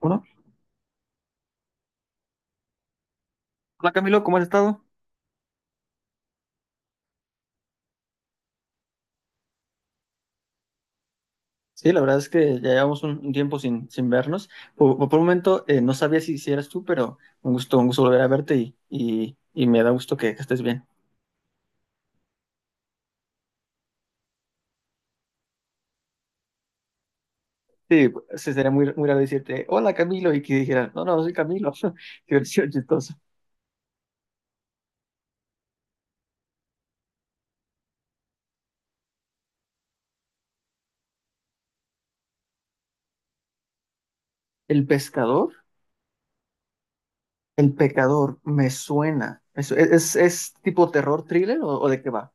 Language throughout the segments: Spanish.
Bueno, hola Camilo, ¿cómo has estado? Sí, la verdad es que ya llevamos un tiempo sin vernos. Por un momento no sabía si eras tú, pero un gusto volver a verte y me da gusto que estés bien. Sí, se sería muy, muy raro decirte, hola Camilo, y que dijeras, no, no, soy Camilo. Qué versión chistosa. El pescador, el pecador, me suena. Es tipo terror thriller o de qué va?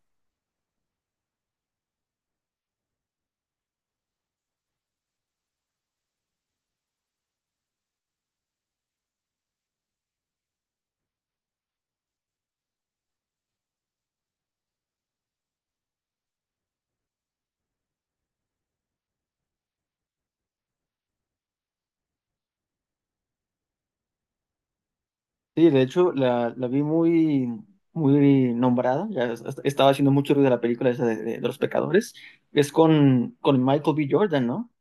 Sí, de hecho, la vi muy, muy nombrada. Estaba haciendo mucho ruido de la película esa de los pecadores. Es con Michael B. Jordan, ¿no?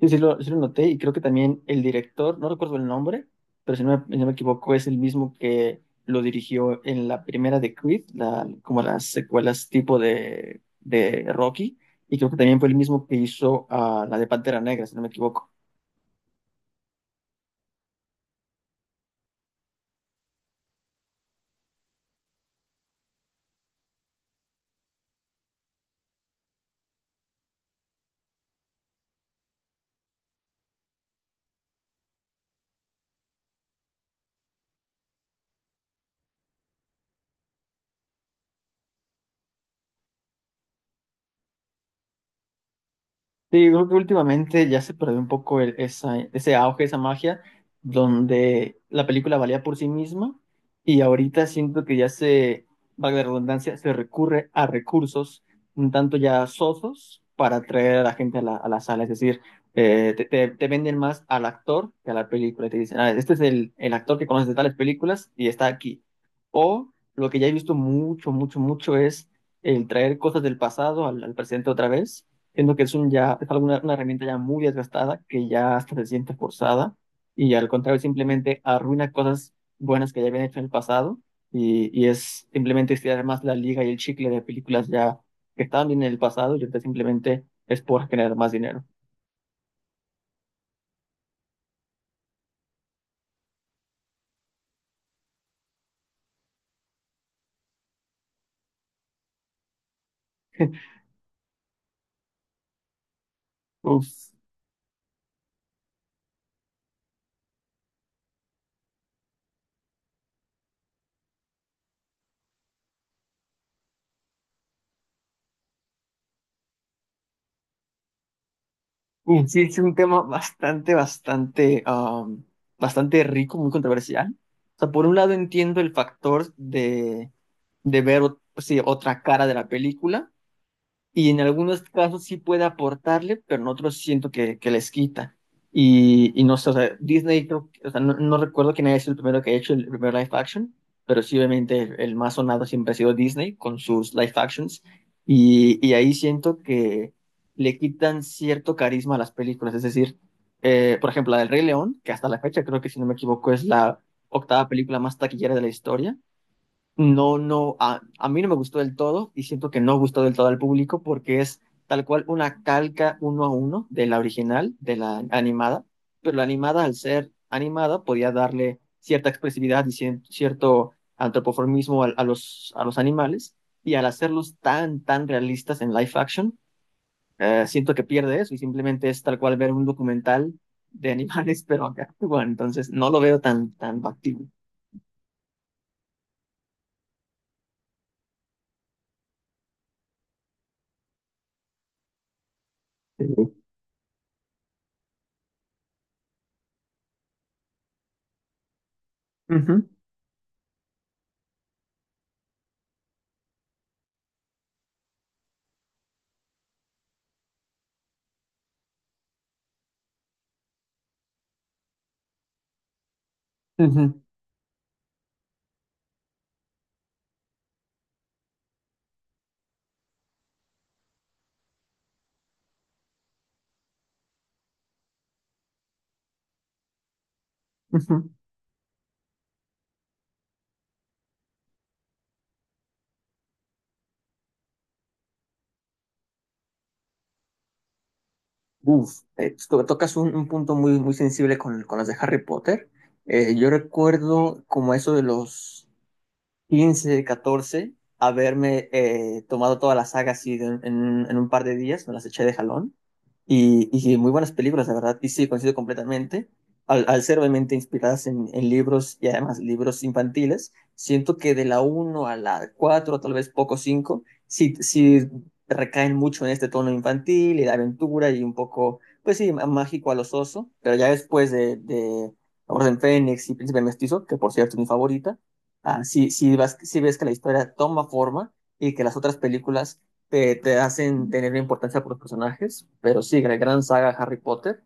Sí lo noté. Y creo que también el director, no recuerdo el nombre, pero si no me equivoco, es el mismo que lo dirigió en la primera de Creed, la, como las secuelas tipo de Rocky. Y creo que también fue el mismo que hizo la de Pantera Negra, si no me equivoco. Sí, creo que últimamente ya se perdió un poco esa, ese auge, esa magia, donde la película valía por sí misma y ahorita siento que valga la redundancia, se recurre a recursos un tanto ya sosos para atraer a la gente a a la sala. Es decir, te venden más al actor que a la película. Te dicen, "Ah, este es el actor que conoces de tales películas y está aquí. O lo que ya he visto mucho, mucho, mucho es el traer cosas del pasado al al presente otra vez. Siento que es un ya, es alguna, una herramienta ya muy desgastada, que ya hasta se siente forzada, y al contrario, simplemente arruina cosas buenas que ya habían hecho en el pasado, y es simplemente estirar más la liga y el chicle de películas ya que estaban bien en el pasado, y ahorita simplemente es por generar más dinero. Uf, sí, es un tema bastante, bastante, bastante rico, muy controversial. O sea, por un lado entiendo el factor de ver otra cara de la película, y en algunos casos sí puede aportarle, pero en otros siento que les quita. Y no sé, o sea, Disney, creo o sea, no recuerdo quién es el primero que ha hecho el primer live action, pero sí, obviamente, el más sonado siempre ha sido Disney con sus live actions. Y ahí siento que le quitan cierto carisma a las películas. Es decir, por ejemplo, la del Rey León, que hasta la fecha creo que, si no me equivoco, es la octava película más taquillera de la historia. A mí no me gustó del todo y siento que no gustó del todo al público porque es tal cual una calca uno a uno de la original, de la animada, pero la animada al ser animada podía darle cierta expresividad y cierto antropoformismo a, a los animales y al hacerlos tan, tan realistas en live action, siento que pierde eso y simplemente es tal cual ver un documental de animales, pero acá, bueno, entonces no lo veo tan, tan factible. Sí. Ujú, ujú, ujú. Tocas un punto muy, muy sensible con las de Harry Potter. Yo recuerdo como eso de los 15 14 haberme tomado toda la saga así en un par de días, me las eché de jalón. Y sí, muy buenas películas, la verdad. Y sí, coincido completamente. Al ser obviamente inspiradas en libros y además libros infantiles, siento que de la uno a la 4, tal vez poco 5 sí, sí recaen mucho en este tono infantil y de aventura y un poco, pues sí, mágico a los osos. Pero ya después de Orden Fénix y Príncipe Mestizo, que por cierto es mi favorita, si ves que la historia toma forma y que las otras películas te hacen tener importancia por los personajes, pero sí, la gran saga Harry Potter,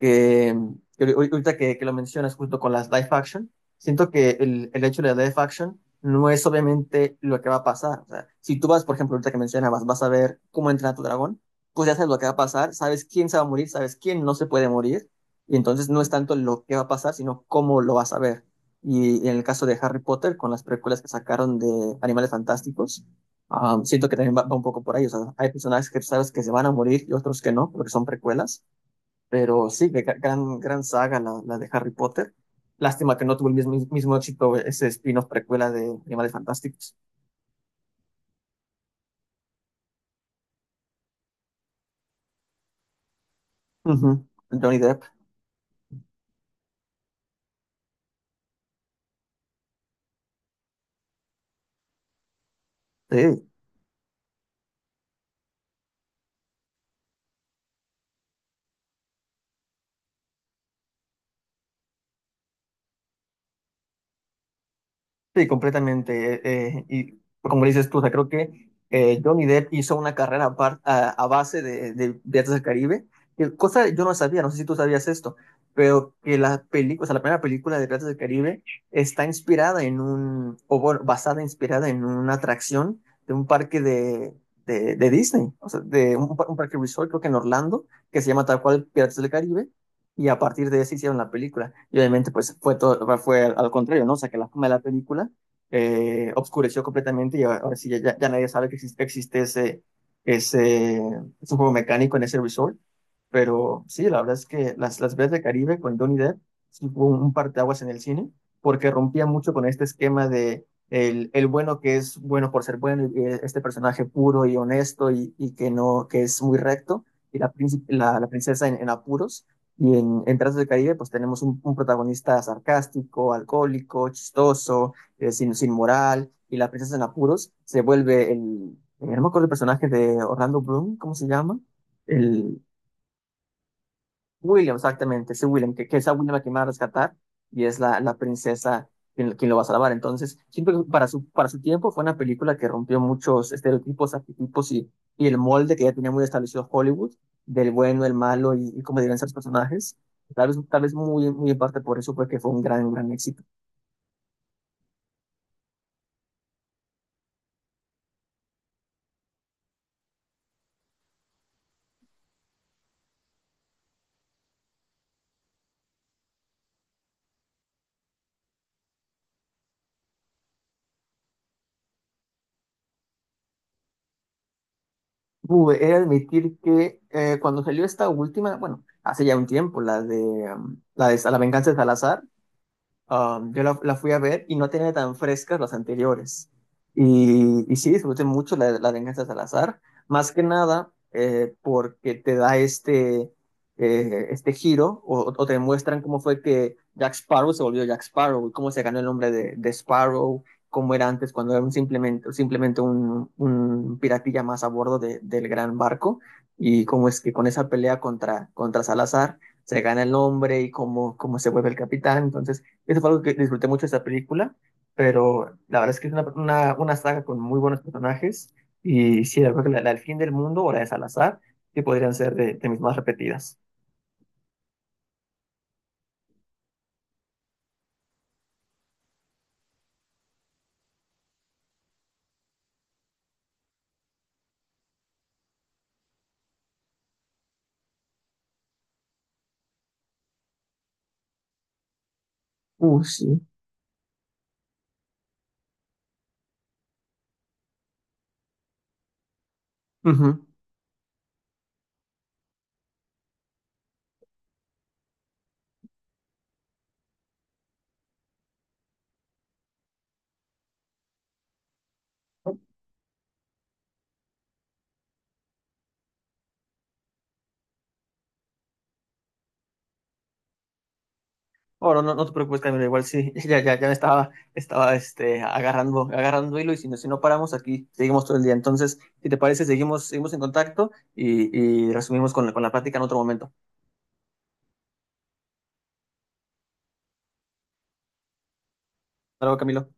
que, que ahorita que lo mencionas justo con las live action, siento que el hecho de la live action no es obviamente lo que va a pasar. O sea, si tú vas, por ejemplo, ahorita que mencionabas, vas a ver cómo entra tu dragón, pues ya sabes lo que va a pasar, sabes quién se va a morir, sabes quién no se puede morir, y entonces no es tanto lo que va a pasar, sino cómo lo vas a ver. Y en el caso de Harry Potter, con las precuelas que sacaron de Animales Fantásticos, siento que también va un poco por ahí. O sea, hay personajes que sabes que se van a morir y otros que no, porque son precuelas. Pero sí, gran, gran saga la de Harry Potter. Lástima que no tuvo mismo éxito ese spin-off precuela de Animales Fantásticos. Ujú. Johnny Depp. Sí. Sí, completamente. Y como dices tú, o sea, creo que Johnny Depp hizo una carrera a, a base de Piratas del Caribe, que cosa yo no sabía, no sé si tú sabías esto, pero que la película, o sea, la primera película de Piratas del Caribe está inspirada en un, o bueno, basada, inspirada en una atracción de un parque de Disney, o sea, de un, un parque resort, creo que en Orlando, que se llama tal cual Piratas del Caribe, y a partir de eso hicieron la película. Y obviamente, pues fue todo, fue al contrario, ¿no? O sea, que la fama de la película obscureció completamente y ahora sí ya, ya nadie sabe que existe ese, ese juego mecánico en ese resort. Pero sí, la verdad es que las veces de Caribe con Johnny Depp sí fue un parteaguas en el cine, porque rompía mucho con este esquema de el bueno que es bueno por ser bueno, y este personaje puro y honesto y que no, que es muy recto, y la princesa en apuros y en Trazos del Caribe, pues tenemos un protagonista sarcástico, alcohólico, chistoso, sin moral, y la princesa en apuros se vuelve el, no me acuerdo el personaje de Orlando Bloom, ¿cómo se llama? El, William, exactamente, ese William, que es a William a quien va a rescatar y es la princesa quien, quien lo va a salvar. Entonces, siento que para para su tiempo fue una película que rompió muchos estereotipos, arquetipos y el molde que ya tenía muy establecido Hollywood, del bueno, el malo y cómo debían ser los personajes. Tal vez muy, muy en parte por eso fue que fue un gran, gran éxito. He de admitir que cuando salió esta última, bueno, hace ya un tiempo, la de La venganza de Salazar. Yo la fui a ver y no tenía tan frescas las anteriores. Y sí, disfruté mucho la venganza de Salazar, más que nada porque te da este giro o te muestran cómo fue que Jack Sparrow se volvió Jack Sparrow y cómo se ganó el nombre de Sparrow, cómo era antes cuando era un simplemente un piratilla más a bordo del gran barco y cómo es que con esa pelea contra Salazar se gana el nombre y cómo, cómo se vuelve el capitán. Entonces, eso fue algo que disfruté mucho de esta película, pero la verdad es que es una saga con muy buenos personajes y sí, yo creo que la del fin del mundo o la de Salazar que podrían ser de mis más repetidas. Sí. Ujú. Bueno, no te preocupes, Camilo, igual sí, ya me estaba, estaba este, agarrando, agarrando hilo y si no, si no paramos aquí, seguimos todo el día. Entonces, si te parece, seguimos, seguimos en contacto y resumimos con, con la plática en otro momento. Hasta luego, Camilo.